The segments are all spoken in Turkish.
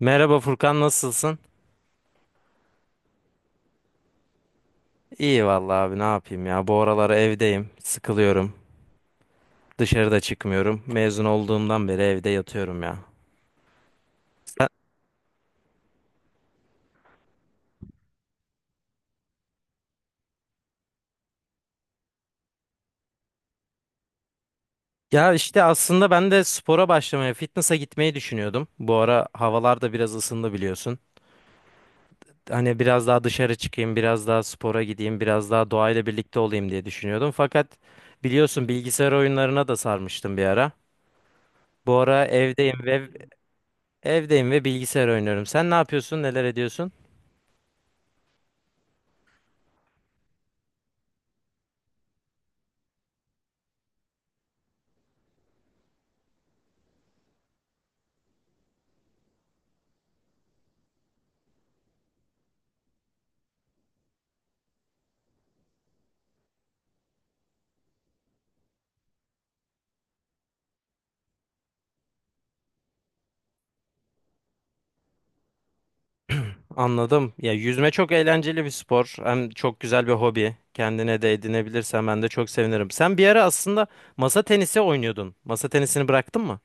Merhaba Furkan, nasılsın? İyi vallahi abi, ne yapayım ya. Bu aralar evdeyim. Sıkılıyorum. Dışarıda çıkmıyorum. Mezun olduğumdan beri evde yatıyorum ya. Sen- Ya işte aslında ben de spora başlamaya, fitness'a gitmeyi düşünüyordum. Bu ara havalar da biraz ısındı, biliyorsun. Hani biraz daha dışarı çıkayım, biraz daha spora gideyim, biraz daha doğayla birlikte olayım diye düşünüyordum. Fakat biliyorsun, bilgisayar oyunlarına da sarmıştım bir ara. Bu ara evdeyim ve bilgisayar oynuyorum. Sen ne yapıyorsun? Neler ediyorsun? Anladım. Ya yüzme çok eğlenceli bir spor. Hem çok güzel bir hobi. Kendine de edinebilirsen ben de çok sevinirim. Sen bir ara aslında masa tenisi oynuyordun. Masa tenisini bıraktın mı?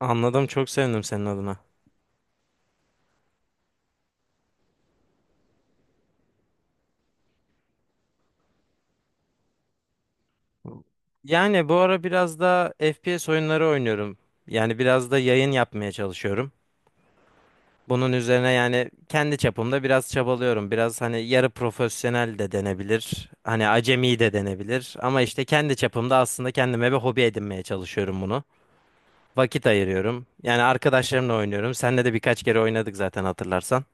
Anladım. Çok sevindim senin adına. Yani bu ara biraz da FPS oyunları oynuyorum. Yani biraz da yayın yapmaya çalışıyorum. Bunun üzerine yani kendi çapımda biraz çabalıyorum. Biraz hani yarı profesyonel de denebilir. Hani acemi de denebilir. Ama işte kendi çapımda aslında kendime bir hobi edinmeye çalışıyorum bunu. Vakit ayırıyorum. Yani arkadaşlarımla oynuyorum. Seninle de birkaç kere oynadık zaten, hatırlarsan.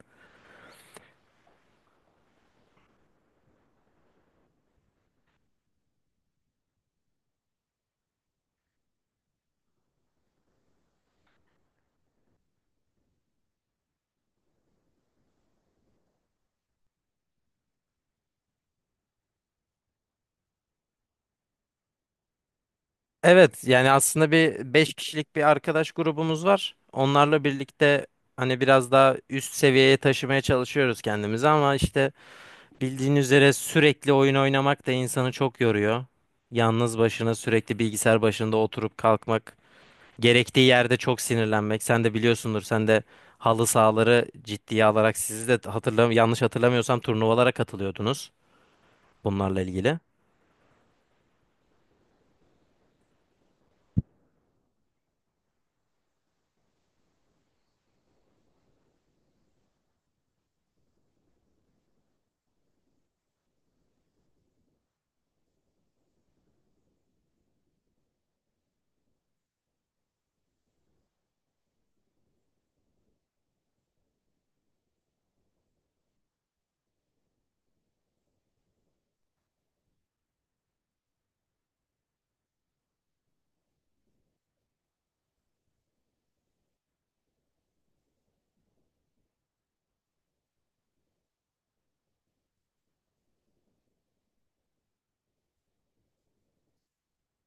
Evet yani aslında bir 5 kişilik bir arkadaş grubumuz var. Onlarla birlikte hani biraz daha üst seviyeye taşımaya çalışıyoruz kendimizi, ama işte bildiğin üzere sürekli oyun oynamak da insanı çok yoruyor. Yalnız başına sürekli bilgisayar başında oturup kalkmak, gerektiği yerde çok sinirlenmek. Sen de biliyorsundur, sen de halı sahaları ciddiye alarak, sizi de hatırlam, yanlış hatırlamıyorsam turnuvalara katılıyordunuz. Bunlarla ilgili.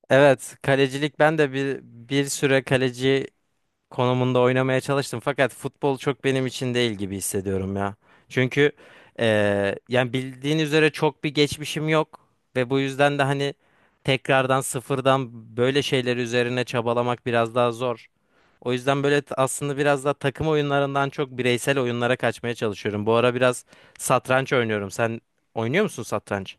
Evet, kalecilik ben de bir süre kaleci konumunda oynamaya çalıştım, fakat futbol çok benim için değil gibi hissediyorum ya. Çünkü yani bildiğin üzere çok bir geçmişim yok ve bu yüzden de hani tekrardan sıfırdan böyle şeyler üzerine çabalamak biraz daha zor. O yüzden böyle aslında biraz daha takım oyunlarından çok bireysel oyunlara kaçmaya çalışıyorum. Bu ara biraz satranç oynuyorum. Sen oynuyor musun satranç?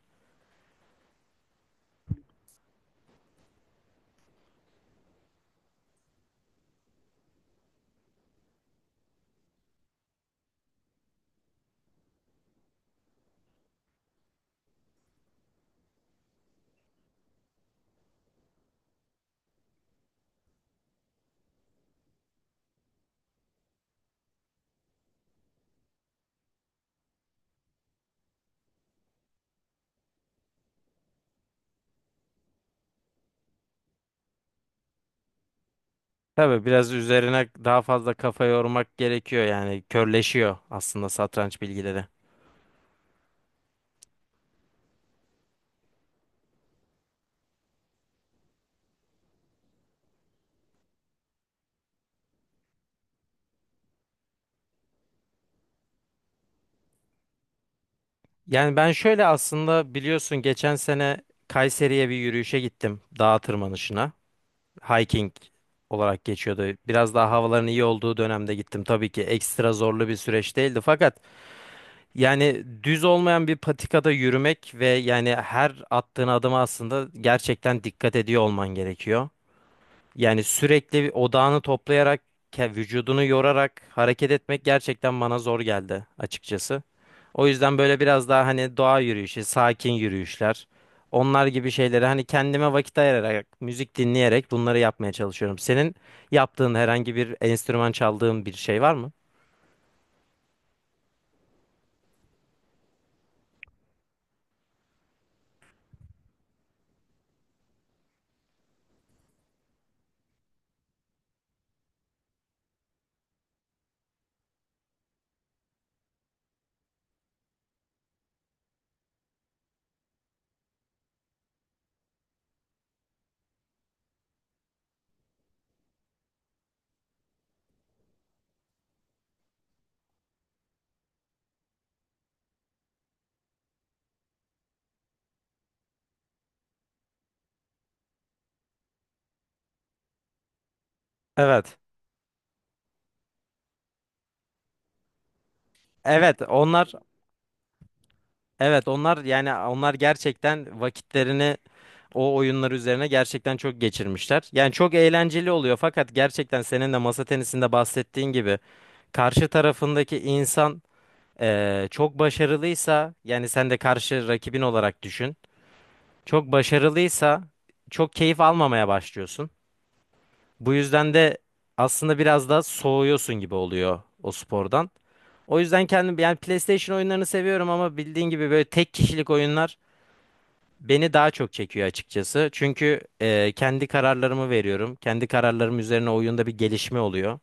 Tabii biraz üzerine daha fazla kafa yormak gerekiyor, yani körleşiyor aslında satranç bilgileri. Yani ben şöyle aslında, biliyorsun, geçen sene Kayseri'ye bir yürüyüşe gittim, dağ tırmanışına. Hiking olarak geçiyordu. Biraz daha havaların iyi olduğu dönemde gittim. Tabii ki ekstra zorlu bir süreç değildi, fakat yani düz olmayan bir patikada yürümek ve yani her attığın adıma aslında gerçekten dikkat ediyor olman gerekiyor. Yani sürekli odağını toplayarak, vücudunu yorarak hareket etmek gerçekten bana zor geldi açıkçası. O yüzden böyle biraz daha hani doğa yürüyüşü, sakin yürüyüşler, onlar gibi şeyleri hani kendime vakit ayırarak, müzik dinleyerek bunları yapmaya çalışıyorum. Senin yaptığın, herhangi bir enstrüman çaldığın bir şey var mı? Evet. Evet, onlar. Evet onlar, yani onlar gerçekten vakitlerini o oyunlar üzerine gerçekten çok geçirmişler. Yani çok eğlenceli oluyor, fakat gerçekten senin de masa tenisinde bahsettiğin gibi karşı tarafındaki insan çok başarılıysa, yani sen de karşı rakibin olarak düşün. Çok başarılıysa çok keyif almamaya başlıyorsun. Bu yüzden de aslında biraz da soğuyorsun gibi oluyor o spordan. O yüzden kendim yani PlayStation oyunlarını seviyorum, ama bildiğin gibi böyle tek kişilik oyunlar beni daha çok çekiyor açıkçası. Çünkü kendi kararlarımı veriyorum. Kendi kararlarım üzerine oyunda bir gelişme oluyor.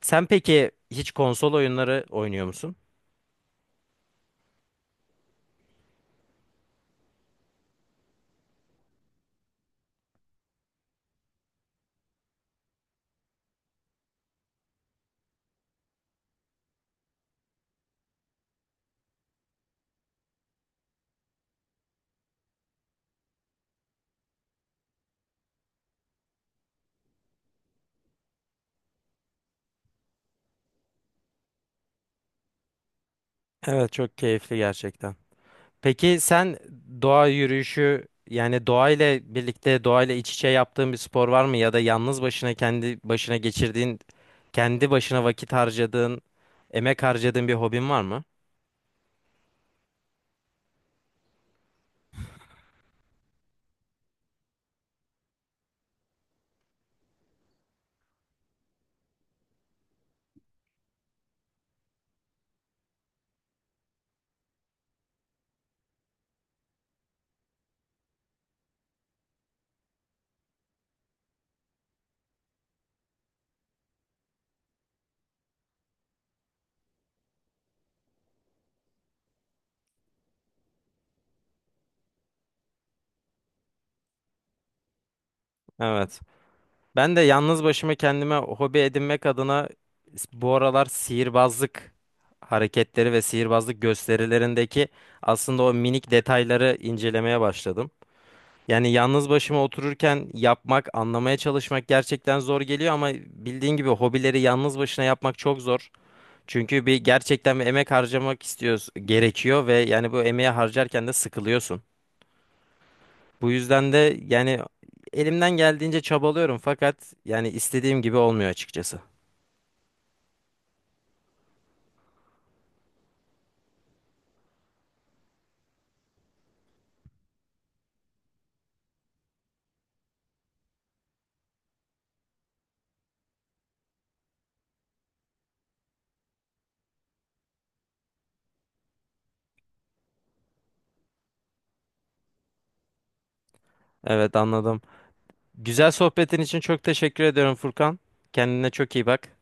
Sen peki hiç konsol oyunları oynuyor musun? Evet, çok keyifli gerçekten. Peki sen doğa yürüyüşü, yani doğayla birlikte, doğayla iç içe yaptığın bir spor var mı? Ya da yalnız başına kendi başına geçirdiğin, kendi başına vakit harcadığın, emek harcadığın bir hobin var mı? Evet. Ben de yalnız başıma kendime hobi edinmek adına bu aralar sihirbazlık hareketleri ve sihirbazlık gösterilerindeki aslında o minik detayları incelemeye başladım. Yani yalnız başıma otururken yapmak, anlamaya çalışmak gerçekten zor geliyor, ama bildiğin gibi hobileri yalnız başına yapmak çok zor. Çünkü bir gerçekten bir emek harcamak istiyoruz, gerekiyor ve yani bu emeği harcarken de sıkılıyorsun. Bu yüzden de yani elimden geldiğince çabalıyorum, fakat yani istediğim gibi olmuyor açıkçası. Evet, anladım. Güzel sohbetin için çok teşekkür ediyorum Furkan. Kendine çok iyi bak.